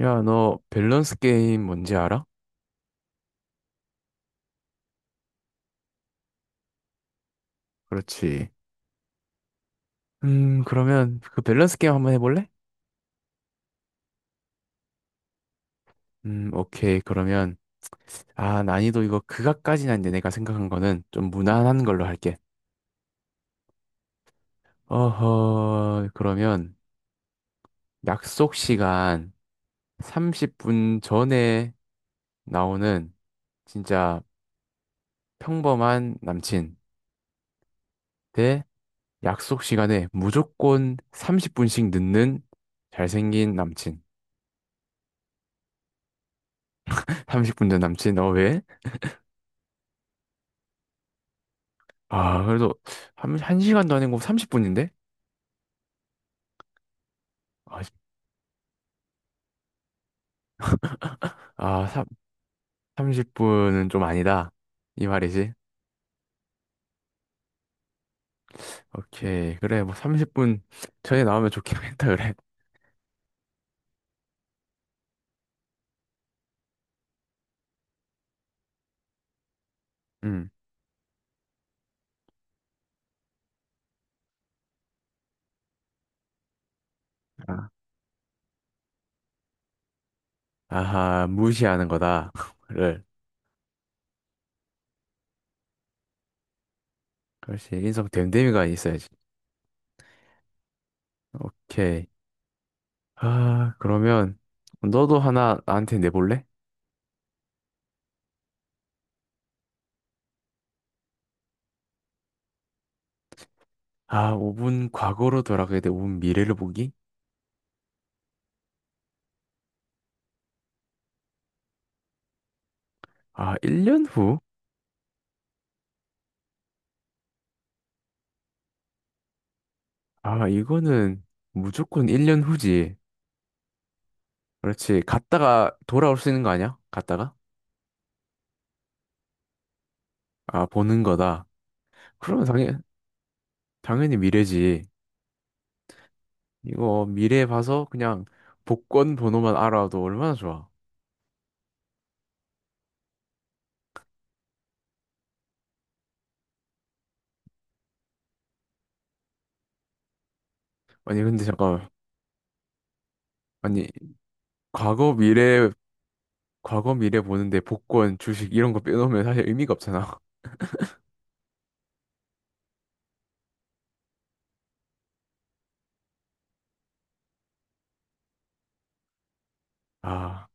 야, 너 밸런스 게임 뭔지 알아? 그렇지. 그러면 그 밸런스 게임 한번 해볼래? 오케이. 그러면, 아, 난이도 이거 그각까지는 아닌데 내가 생각한 거는 좀 무난한 걸로 할게. 어허, 그러면 약속 시간 30분 전에 나오는 진짜 평범한 남친 대 약속 시간에 무조건 30분씩 늦는 잘생긴 남친. 30분 전 남친, 어, 왜? 아, 그래도 한 시간도 아니고 30분인데? 아, 씨. 아, 삼 30분은 좀 아니다. 이 말이지. 오케이. 그래, 뭐 30분 전에 나오면 좋긴 했다, 그래. 음. 아. 아하, 무시하는 거다. 를. 그렇지. 인성 됨됨이가 있어야지. 오케이. 아, 그러면 너도 하나 나한테 내볼래? 아, 오 분 과거로 돌아가야 돼. 오 분 미래를 보기? 아, 1년 후? 아, 이거는 무조건 1년 후지. 그렇지. 갔다가 돌아올 수 있는 거 아니야? 갔다가? 아, 보는 거다. 그러면 당연, 당연히 미래지. 이거 미래 봐서 그냥 복권 번호만 알아도 얼마나 좋아. 아니, 근데 잠깐만. 아니, 과거 미래, 과거 미래 보는데 복권, 주식 이런 거 빼놓으면 사실 의미가 없잖아. 아,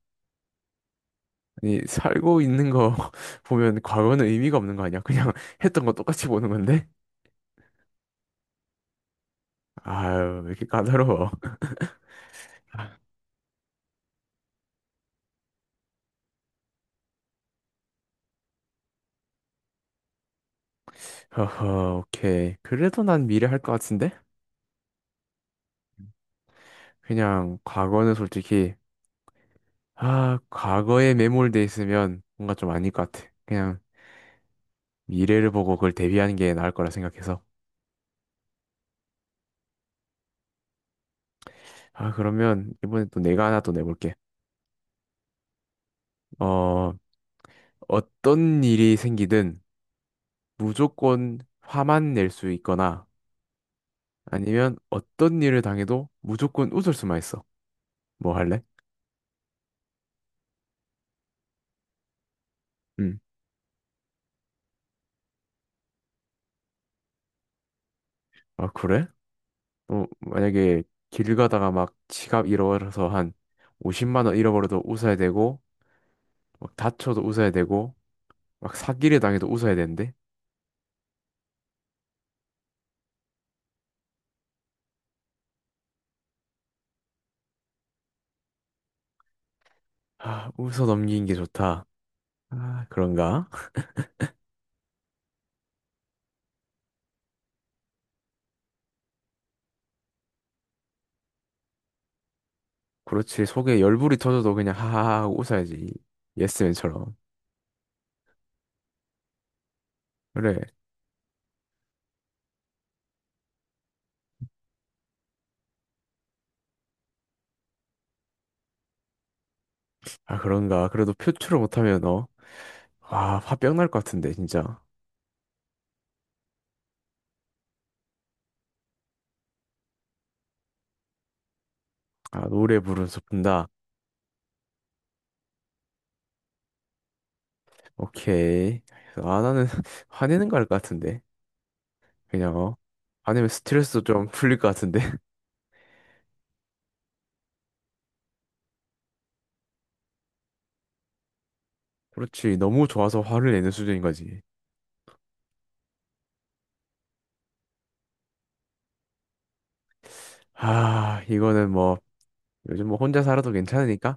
아니, 살고 있는 거 보면 과거는 의미가 없는 거 아니야? 그냥 했던 거 똑같이 보는 건데? 아유, 왜 이렇게 까다로워. 허허, 오케이. 그래도 난 미래 할 것 같은데? 그냥 과거는 솔직히 아 과거에 매몰돼 있으면 뭔가 좀 아닐 것 같아. 그냥 미래를 보고 그걸 대비하는 게 나을 거라 생각해서. 아 그러면 이번에 또 내가 하나 또 내볼게. 어 어떤 일이 생기든 무조건 화만 낼 수 있거나 아니면 어떤 일을 당해도 무조건 웃을 수만 있어. 뭐 할래? 음. 아 그래? 어 만약에 길 가다가 막 지갑 잃어버려서 한 50만 원 잃어버려도 웃어야 되고 막 다쳐도 웃어야 되고 막 사기를 당해도 웃어야 되는데? 아, 웃어 넘기는 게 좋다. 아, 그런가? 그렇지. 속에 열불이 터져도 그냥 하하하 하고 웃어야지. 예스맨처럼. 그래. 아, 그런가? 그래도 표출을 못하면 어? 아, 화병 날 것 같은데, 진짜. 아, 노래 부르면서 분다. 오케이. 아, 나는 화내는 거 할 것 같은데. 그냥, 어? 화내면 스트레스도 좀 풀릴 것 같은데. 그렇지. 너무 좋아서 화를 내는 수준인 거지. 아, 이거는 뭐, 요즘 뭐 혼자 살아도 괜찮으니까.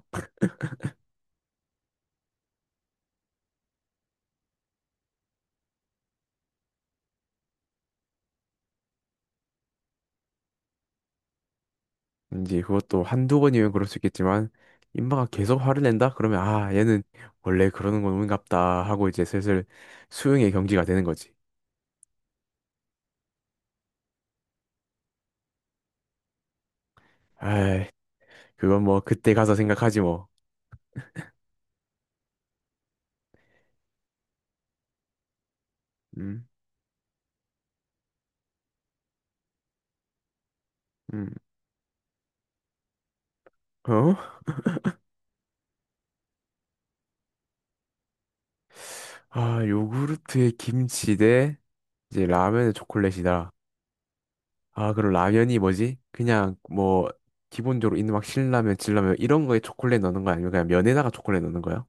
이제 그것도 한두 번이면 그럴 수 있겠지만 인마가 계속 화를 낸다? 그러면 아 얘는 원래 그러는 건 운갑다 하고 이제 슬슬 수용의 경지가 되는 거지. 아이 그건 뭐 그때 가서 생각하지 뭐. 음, 음, 어? 아 요구르트에 김치 대 이제 라면에 초콜릿이다. 아 그럼 라면이 뭐지? 그냥 뭐 기본적으로 있는 막 신라면, 진라면 이런 거에 초콜릿 넣는 거 아니면 그냥 면에다가 초콜릿 넣는 거야?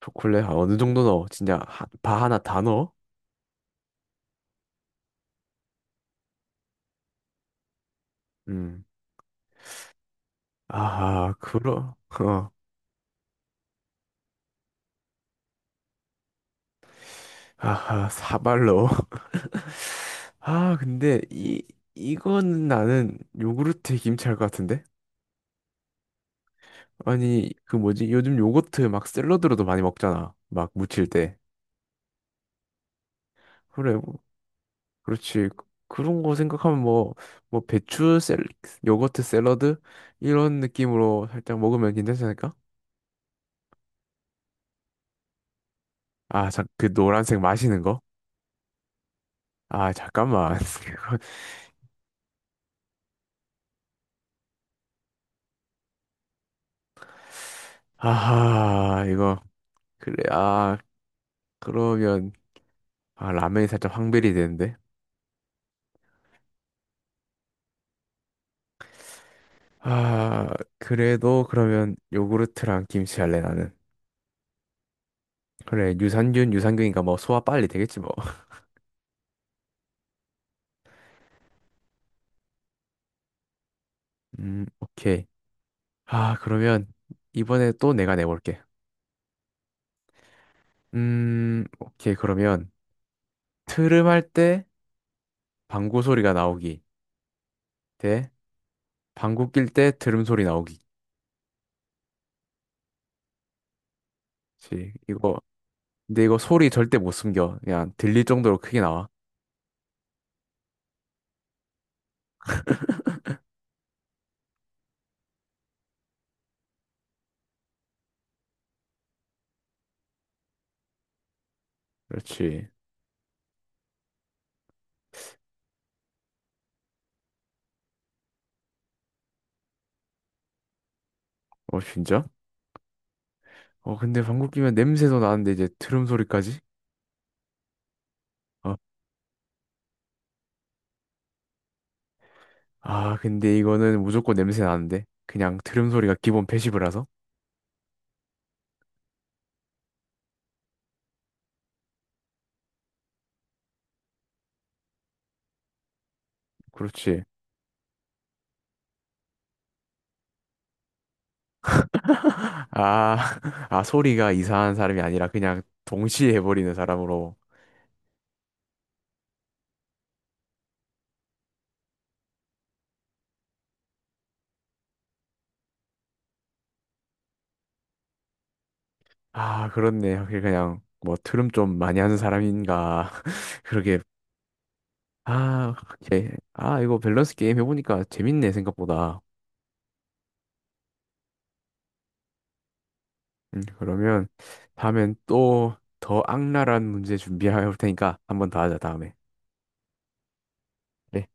초콜릿 한 어느 정도 넣어? 진짜 바 하나 다 넣어? 음. 아하, 그러, 어, 아하, 사발로. 아, 근데 이, 이거는 나는 요구르트에 김치할 것 같은데? 아니, 그 뭐지? 요즘 요거트 막 샐러드로도 많이 먹잖아. 막 무칠 때. 그래, 뭐, 그렇지. 그런 거 생각하면 뭐, 뭐 배추 샐, 요거트 샐러드? 이런 느낌으로 살짝 먹으면 괜찮지 않을까? 아, 자, 그 노란색 마시는 거? 아, 잠깐만. 이거- 아하, 이거. 그래, 아, 그러면. 아, 라면이 살짝 황벨이 되는데. 아, 그래도 그러면 요구르트랑 김치 할래, 나는. 그래, 유산균이니까 뭐 소화 빨리 되겠지, 뭐. 오케이. 아, 그러면 이번에 또 내가 내볼게. 오케이. 그러면 트름 할 때 방구 소리가 나오기 대 방구 낄 때 트름 소리 나오기. 그렇지. 이거, 근데 이거 소리 절대 못 숨겨. 그냥 들릴 정도로 크게 나와. 그렇지. 어, 진짜? 어, 근데 방구 끼면 냄새도 나는데 이제 트름 소리까지? 어, 아, 근데 이거는 무조건 냄새 나는데? 그냥 들음 소리가 기본 패시브라서? 그렇지. 아, 아, 소리가 이상한 사람이 아니라 그냥 동시에 해버리는 사람으로. 아, 그렇네. 확실히 그냥 뭐 트름 좀 많이 하는 사람인가. 그러게. 아, 이거 밸런스 게임 해보니까 재밌네, 생각보다. 그러면 다음엔 또 더 악랄한 문제 준비해 올 테니까 한번 더 하자, 다음에. 그래.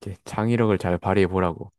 이제 창의력을 잘 발휘해 보라고.